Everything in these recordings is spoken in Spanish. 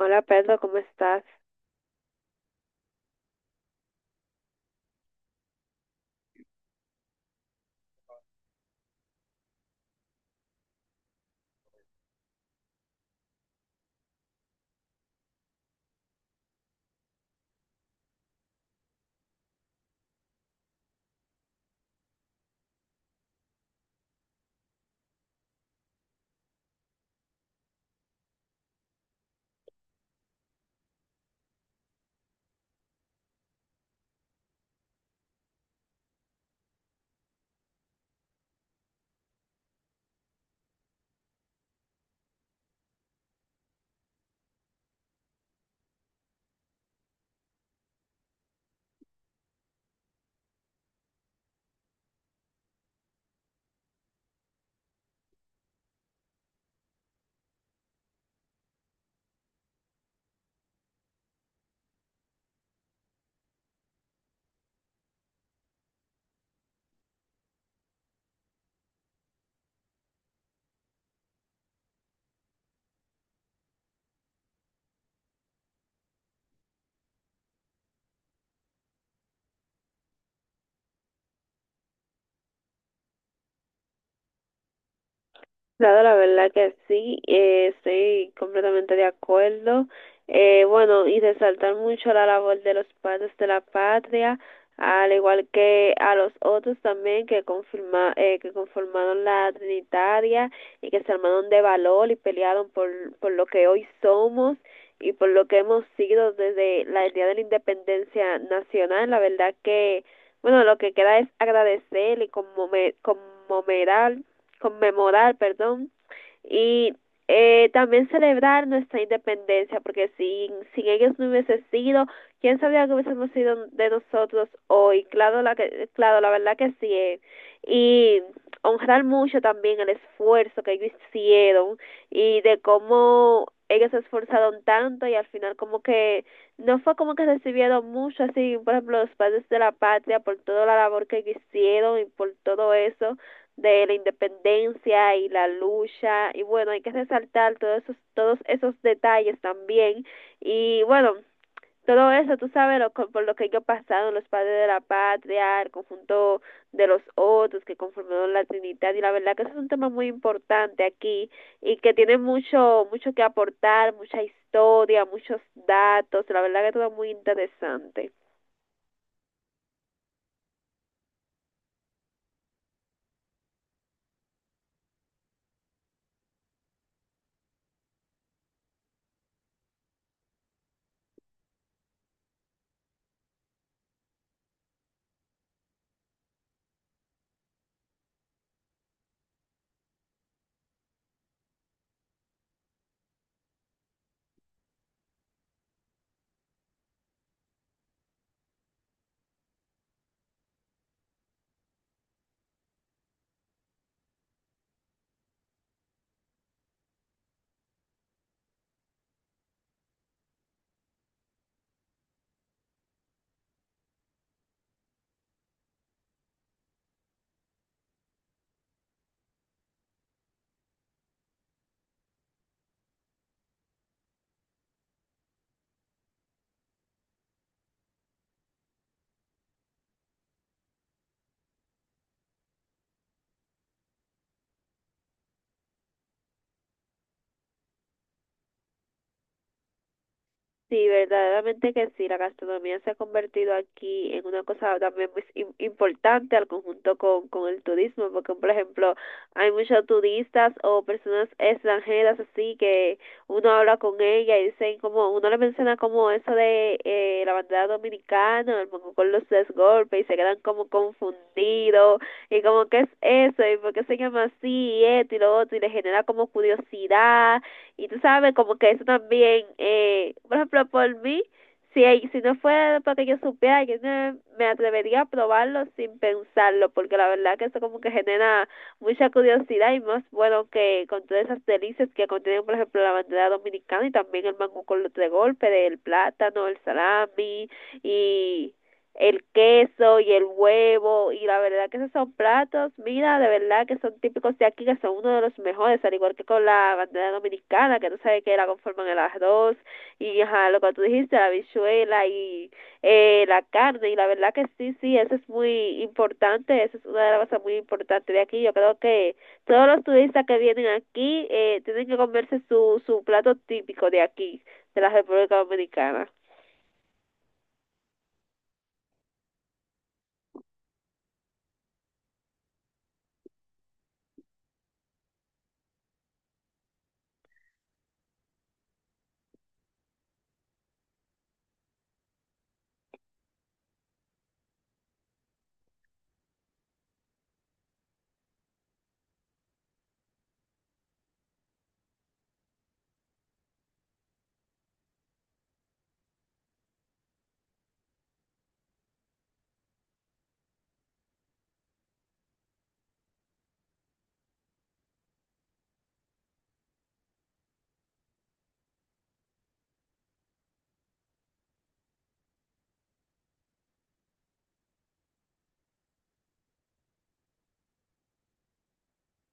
Hola Pedro, ¿cómo estás? Claro, la verdad que sí, estoy completamente de acuerdo. Bueno, y resaltar mucho la labor de los padres de la patria, al igual que a los otros también que conformaron la Trinitaria y que se armaron de valor y pelearon por lo que hoy somos y por lo que hemos sido desde el día de la independencia nacional. La verdad que, bueno, lo que queda es agradecer y conmemorar, y también celebrar nuestra independencia, porque sin ellos no hubiese sido, quién sabía que hubiésemos sido de nosotros hoy, claro, la verdad que sí, y honrar mucho también el esfuerzo que ellos hicieron y de cómo ellos se esforzaron tanto y al final como que no fue como que recibieron mucho, así por ejemplo los padres de la patria por toda la labor que hicieron y por todo eso de la independencia y la lucha. Y bueno, hay que resaltar todos esos detalles también. Y bueno, todo eso, tú sabes, por lo que ellos pasaron, los padres de la patria, el conjunto de los otros que conformaron la Trinidad. Y la verdad que ese es un tema muy importante aquí y que tiene mucho que aportar, mucha historia, muchos datos. La verdad que todo muy interesante. Sí, verdaderamente que sí, la gastronomía se ha convertido aquí en una cosa también muy importante, al conjunto con el turismo, porque por ejemplo hay muchos turistas o personas extranjeras, así que uno habla con ella y dicen como, uno le menciona como eso de la bandera dominicana, el moco con los tres golpes, y se quedan como confundidos y como ¿qué es eso? ¿Y por qué se llama así? Y esto y lo otro, y le genera como curiosidad. Y tú sabes, como que eso también, por ejemplo, por mí, si no fuera porque yo supiera, yo no me atrevería a probarlo sin pensarlo, porque la verdad que eso como que genera mucha curiosidad. Y más bueno que con todas esas delicias que contienen, por ejemplo, la bandera dominicana, y también el mango con los tres golpes, el plátano, el salami y el queso y el huevo. Y la verdad que esos son platos, mira, de verdad que son típicos de aquí, que son uno de los mejores, al igual que con la bandera dominicana, que tú sabes que la conforman el arroz y, ajá, lo que tú dijiste, la habichuela y la carne. Y la verdad que sí, sí, eso es muy importante, eso es una de las cosas muy importantes de aquí. Yo creo que todos los turistas que vienen aquí tienen que comerse su plato típico de aquí, de la República Dominicana.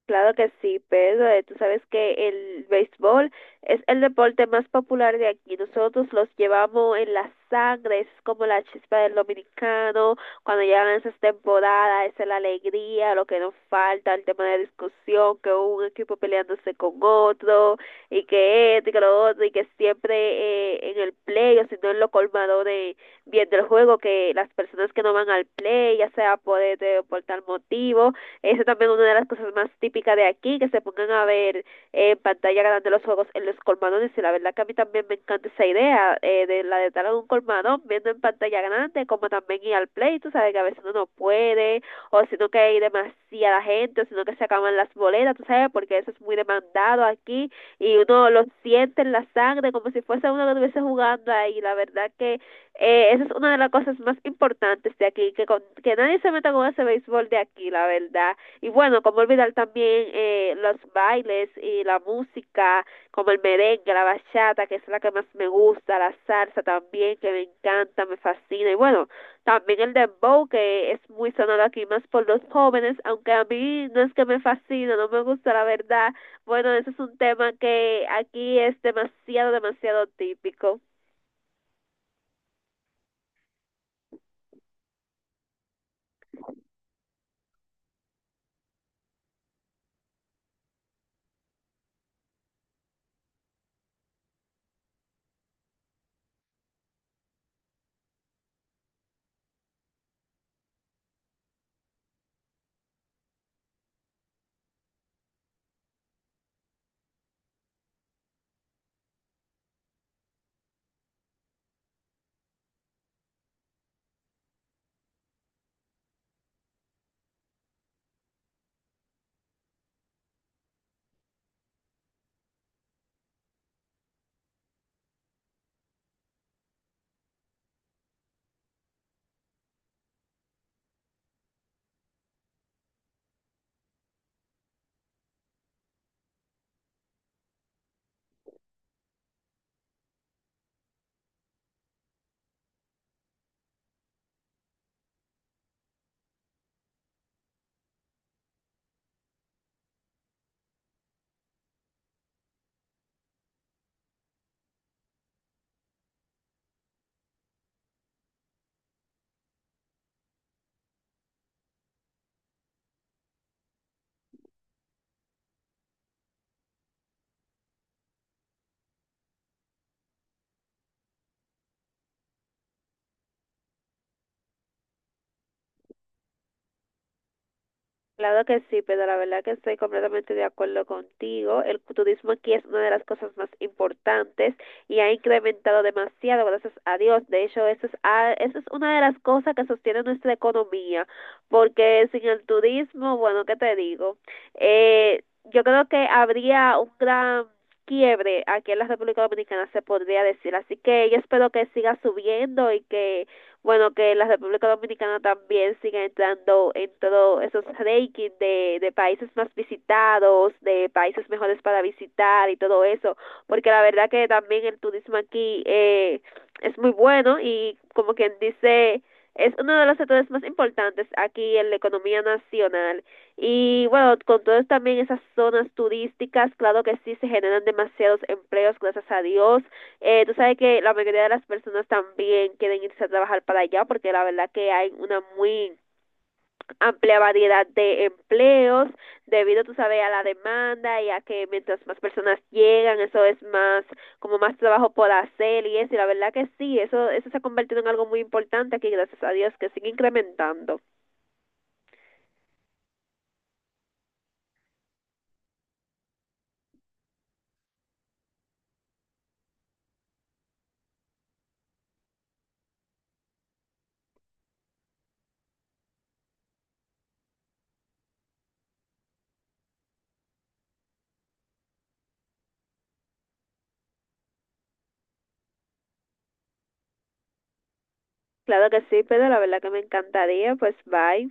Claro que sí, Pedro. Tú sabes que el béisbol es el deporte más popular de aquí. Nosotros los llevamos en la sangre, es como la chispa del dominicano. Cuando llegan esas temporadas, esa es la alegría, lo que nos falta, el tema de discusión, que un equipo peleándose con otro, y que esto y que lo otro, y que siempre en el play, o si no en lo colmado de bien del juego, que las personas que no van al play, ya sea por este o por tal motivo, eso también es una de las cosas más típicas de aquí, que se pongan a ver en pantalla grande los juegos en los colmadones. Y la verdad que a mí también me encanta esa idea, de la de estar en un colmadón viendo en pantalla grande, como también ir al play. Tú sabes que a veces uno no puede, o sino que hay demasiada gente, o sino que se acaban las boletas, tú sabes, porque eso es muy demandado aquí y uno lo siente en la sangre como si fuese uno que estuviese jugando ahí. La verdad que esa es una de las cosas más importantes de aquí, que nadie se meta con ese béisbol de aquí, la verdad. Y bueno, como olvidar también los bailes y la música, como el merengue, la bachata, que es la que más me gusta, la salsa también, que me encanta, me fascina. Y bueno, también el dembow, que es muy sonado aquí, más por los jóvenes, aunque a mí no es que me fascina, no me gusta, la verdad. Bueno, ese es un tema que aquí es demasiado, demasiado típico. Claro que sí, pero la verdad que estoy completamente de acuerdo contigo. El turismo aquí es una de las cosas más importantes y ha incrementado demasiado, gracias a Dios. De hecho, eso es una de las cosas que sostiene nuestra economía, porque sin el turismo, bueno, ¿qué te digo? Eh, yo creo que habría un gran quiebre aquí en la República Dominicana, se podría decir. Así que yo espero que siga subiendo y que, bueno, que la República Dominicana también siga entrando en todos esos rankings de países más visitados, de países mejores para visitar y todo eso, porque la verdad que también el turismo aquí, es muy bueno y, como quien dice, es uno de los sectores más importantes aquí en la economía nacional. Y bueno, con todas también esas zonas turísticas, claro que sí se generan demasiados empleos, gracias a Dios. Tú sabes que la mayoría de las personas también quieren irse a trabajar para allá, porque la verdad que hay una muy amplia variedad de empleos debido, tú sabes, a la demanda y a que mientras más personas llegan, eso es más, como más trabajo por hacer y eso. Y la verdad que sí, eso se ha convertido en algo muy importante aquí, gracias a Dios, que sigue incrementando. Claro que sí, pero la verdad que me encantaría, pues bye.